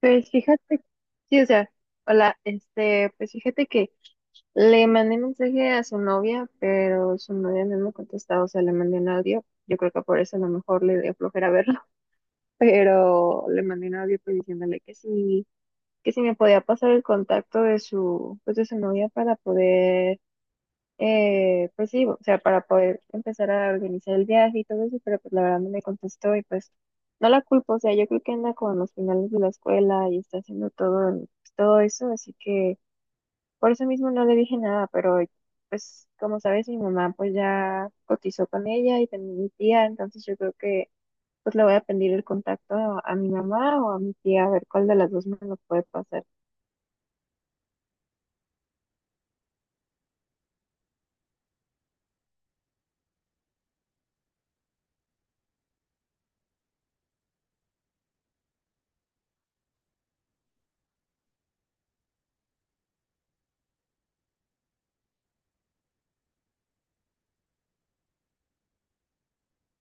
Pues fíjate, sí, o sea, hola, pues fíjate que le mandé mensaje a su novia, pero su novia no me contestó, o sea, le mandé un audio, yo creo que por eso a lo mejor le dio flojera verlo, pero le mandé un audio pues diciéndole que sí, que si me podía pasar el contacto de su, pues de su novia para poder pues sí, o sea, para poder empezar a organizar el viaje y todo eso, pero pues la verdad no me contestó y pues no la culpo, o sea, yo creo que anda con los finales de la escuela y está haciendo todo, todo eso, así que por eso mismo no le dije nada, pero pues como sabes, mi mamá pues ya cotizó con ella y también mi tía, entonces yo creo que pues le voy a pedir el contacto a mi mamá o a mi tía, a ver cuál de las dos me lo puede pasar.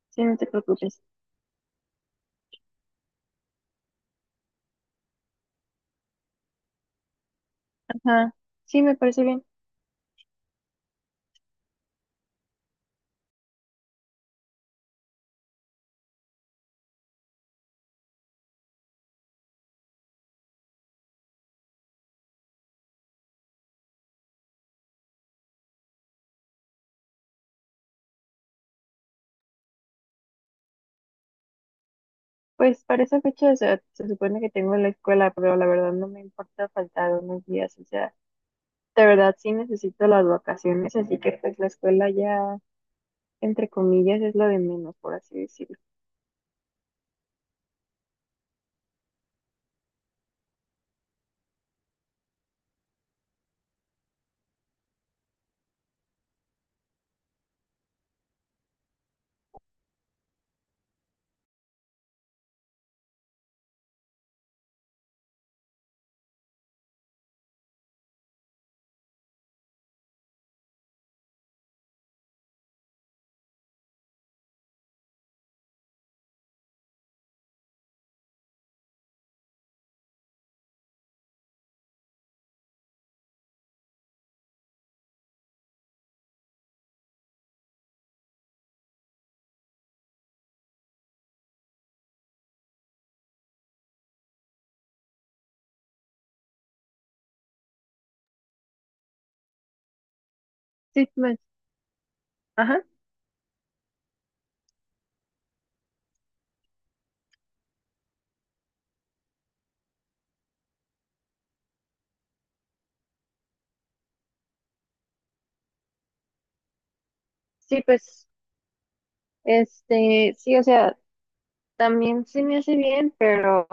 Sí, no te preocupes. Ajá, sí, me parece bien. Pues para esa fecha, o sea, se supone que tengo la escuela, pero la verdad no me importa faltar unos días, o sea, de verdad sí necesito las vacaciones, así que pues la escuela ya, entre comillas, es lo de menos, por así decirlo. Sí, pues, ajá, sí, pues, sí, o sea, también sí me hace bien, pero,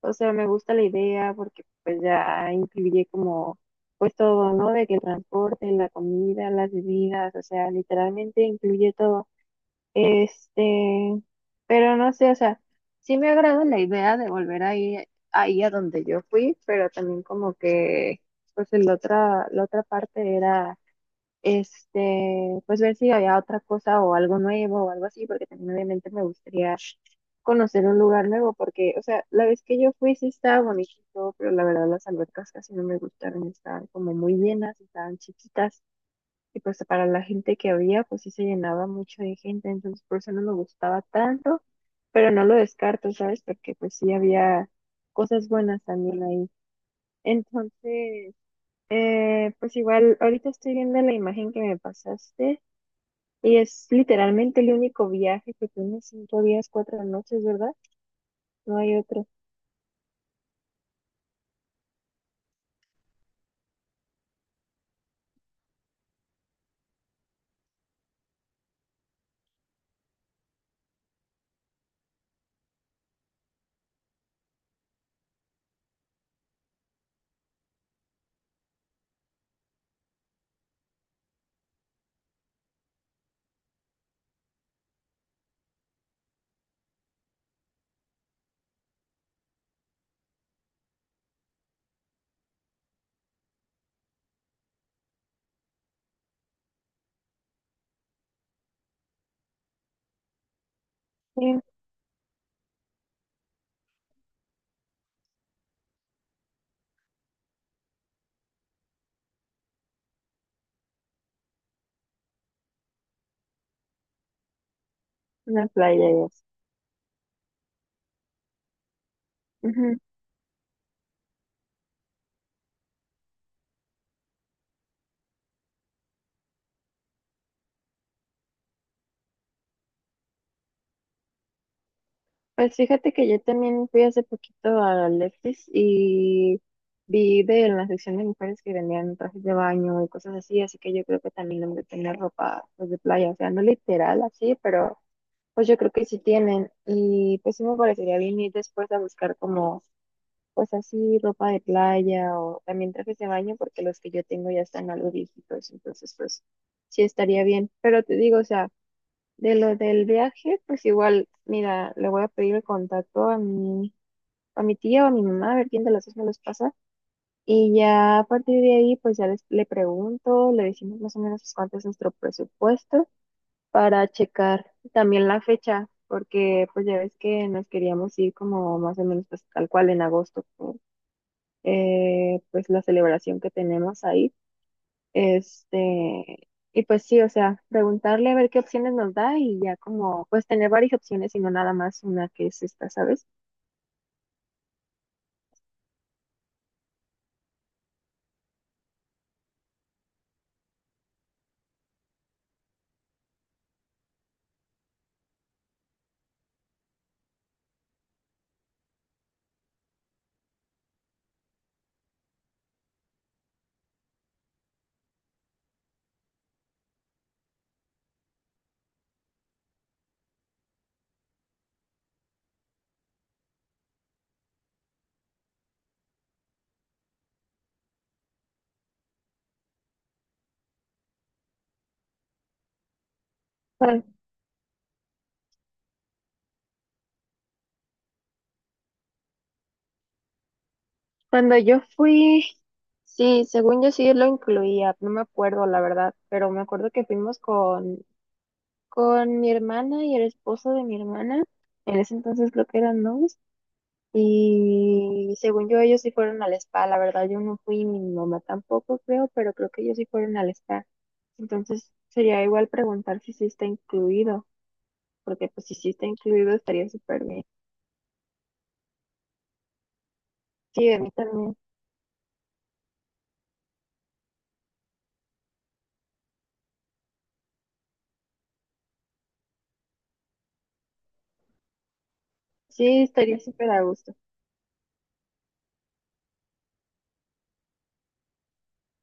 o sea, me gusta la idea porque pues ya incluye como, pues todo, ¿no? De que el transporte, la comida, las bebidas, o sea, literalmente incluye todo. Este, pero no sé, o sea, sí me agrada la idea de volver ahí, ahí a donde yo fui, pero también como que, pues la otra parte era, pues ver si había otra cosa o algo nuevo o algo así, porque también obviamente me gustaría conocer un lugar nuevo, porque, o sea, la vez que yo fui sí estaba bonito, y todo, pero la verdad las albercas casi no me gustaron, estaban como muy llenas, estaban chiquitas. Y pues para la gente que había, pues sí se llenaba mucho de gente, entonces por eso no me gustaba tanto, pero no lo descarto, ¿sabes? Porque pues sí había cosas buenas también ahí. Entonces, pues igual, ahorita estoy viendo la imagen que me pasaste y es literalmente el único viaje que tiene cinco días, cuatro noches, ¿verdad? No hay otro. Sí, una playa y eso. Ujú. Pues fíjate que yo también fui hace poquito a Lefties y vi de en la sección de mujeres que vendían trajes de baño y cosas así, así que yo creo que también deben de tener ropa pues, de playa, o sea, no literal así, pero pues yo creo que sí tienen y pues sí me parecería bien ir después a buscar como pues así ropa de playa o también trajes de baño porque los que yo tengo ya están algo viejitos, entonces pues sí estaría bien, pero te digo, o sea... De lo del viaje, pues igual, mira, le voy a pedir el contacto a mi tía o a mi mamá, a ver quién de las dos me los pasa. Y ya a partir de ahí, pues ya les, le pregunto, le decimos más o menos pues, cuánto es nuestro presupuesto para checar también la fecha, porque pues ya ves que nos queríamos ir como más o menos pues tal cual en agosto, por, pues la celebración que tenemos ahí. Y pues sí, o sea, preguntarle a ver qué opciones nos da y ya como, pues tener varias opciones y no nada más una que es esta, ¿sabes? Cuan- Cuando yo fui, sí, según yo sí lo incluía, no me acuerdo la verdad, pero me acuerdo que fuimos con mi hermana y el esposo de mi hermana, en ese entonces creo que eran novios. Y según yo, ellos sí fueron al spa, la verdad yo no fui, mi mamá tampoco creo, pero creo que ellos sí fueron al spa. Entonces sería igual preguntar si sí está incluido, porque pues si sí está incluido estaría súper bien. Sí, a mí también. Sí, estaría súper a gusto.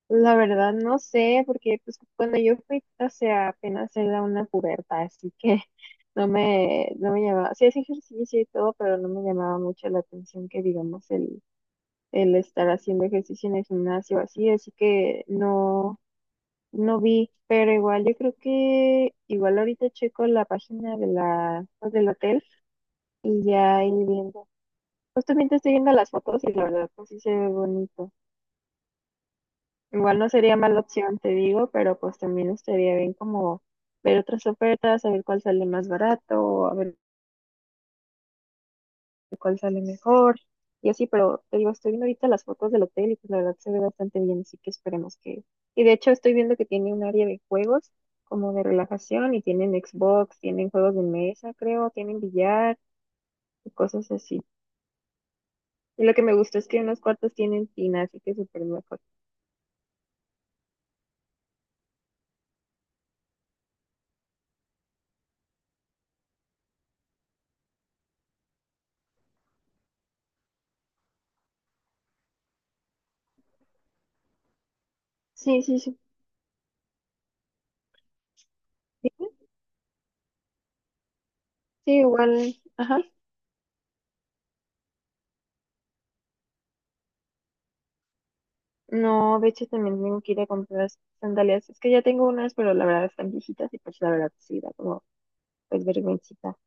La verdad no sé, porque pues cuando yo fui, o sea, apenas era una puberta, así que no me, no me llamaba, sí es ejercicio y todo, pero no me llamaba mucho la atención que digamos el estar haciendo ejercicio en el gimnasio así, así que no, no vi, pero igual yo creo que igual ahorita checo la página de la, pues, del hotel y ya ahí viendo. Justamente estoy viendo las fotos y la verdad pues sí se ve bonito. Igual no sería mala opción, te digo, pero pues también estaría bien como ver otras ofertas, a ver cuál sale más barato, a ver cuál sale mejor y así, pero te digo, estoy viendo ahorita las fotos del hotel y pues la verdad se ve bastante bien, así que esperemos que... Y de hecho estoy viendo que tiene un área de juegos como de relajación y tienen Xbox, tienen juegos de mesa, creo, tienen billar y cosas así. Y lo que me gustó es que unos cuartos tienen tina, así que súper mejor. Sí, sí, sí. Sí, igual, ajá. No, de hecho también tengo que ir a comprar sandalias. Es que ya tengo unas, pero la verdad están viejitas y pues la verdad sí da como pues vergüencita.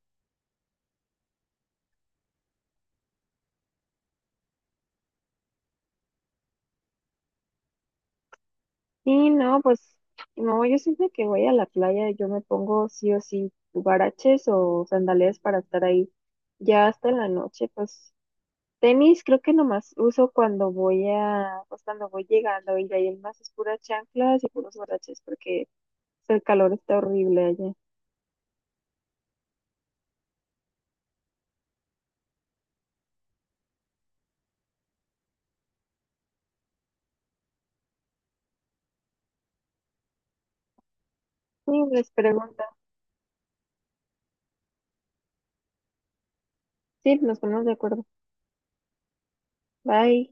Sí, no, pues no, yo siempre que voy a la playa yo me pongo sí o sí huaraches o sandalias para estar ahí ya hasta en la noche, pues tenis creo que nomás uso cuando voy a, pues cuando voy llegando y de ahí en más es puras chanclas y puros huaraches porque el calor está horrible allá. Sí, les pregunto. Sí, nos ponemos de acuerdo. Bye.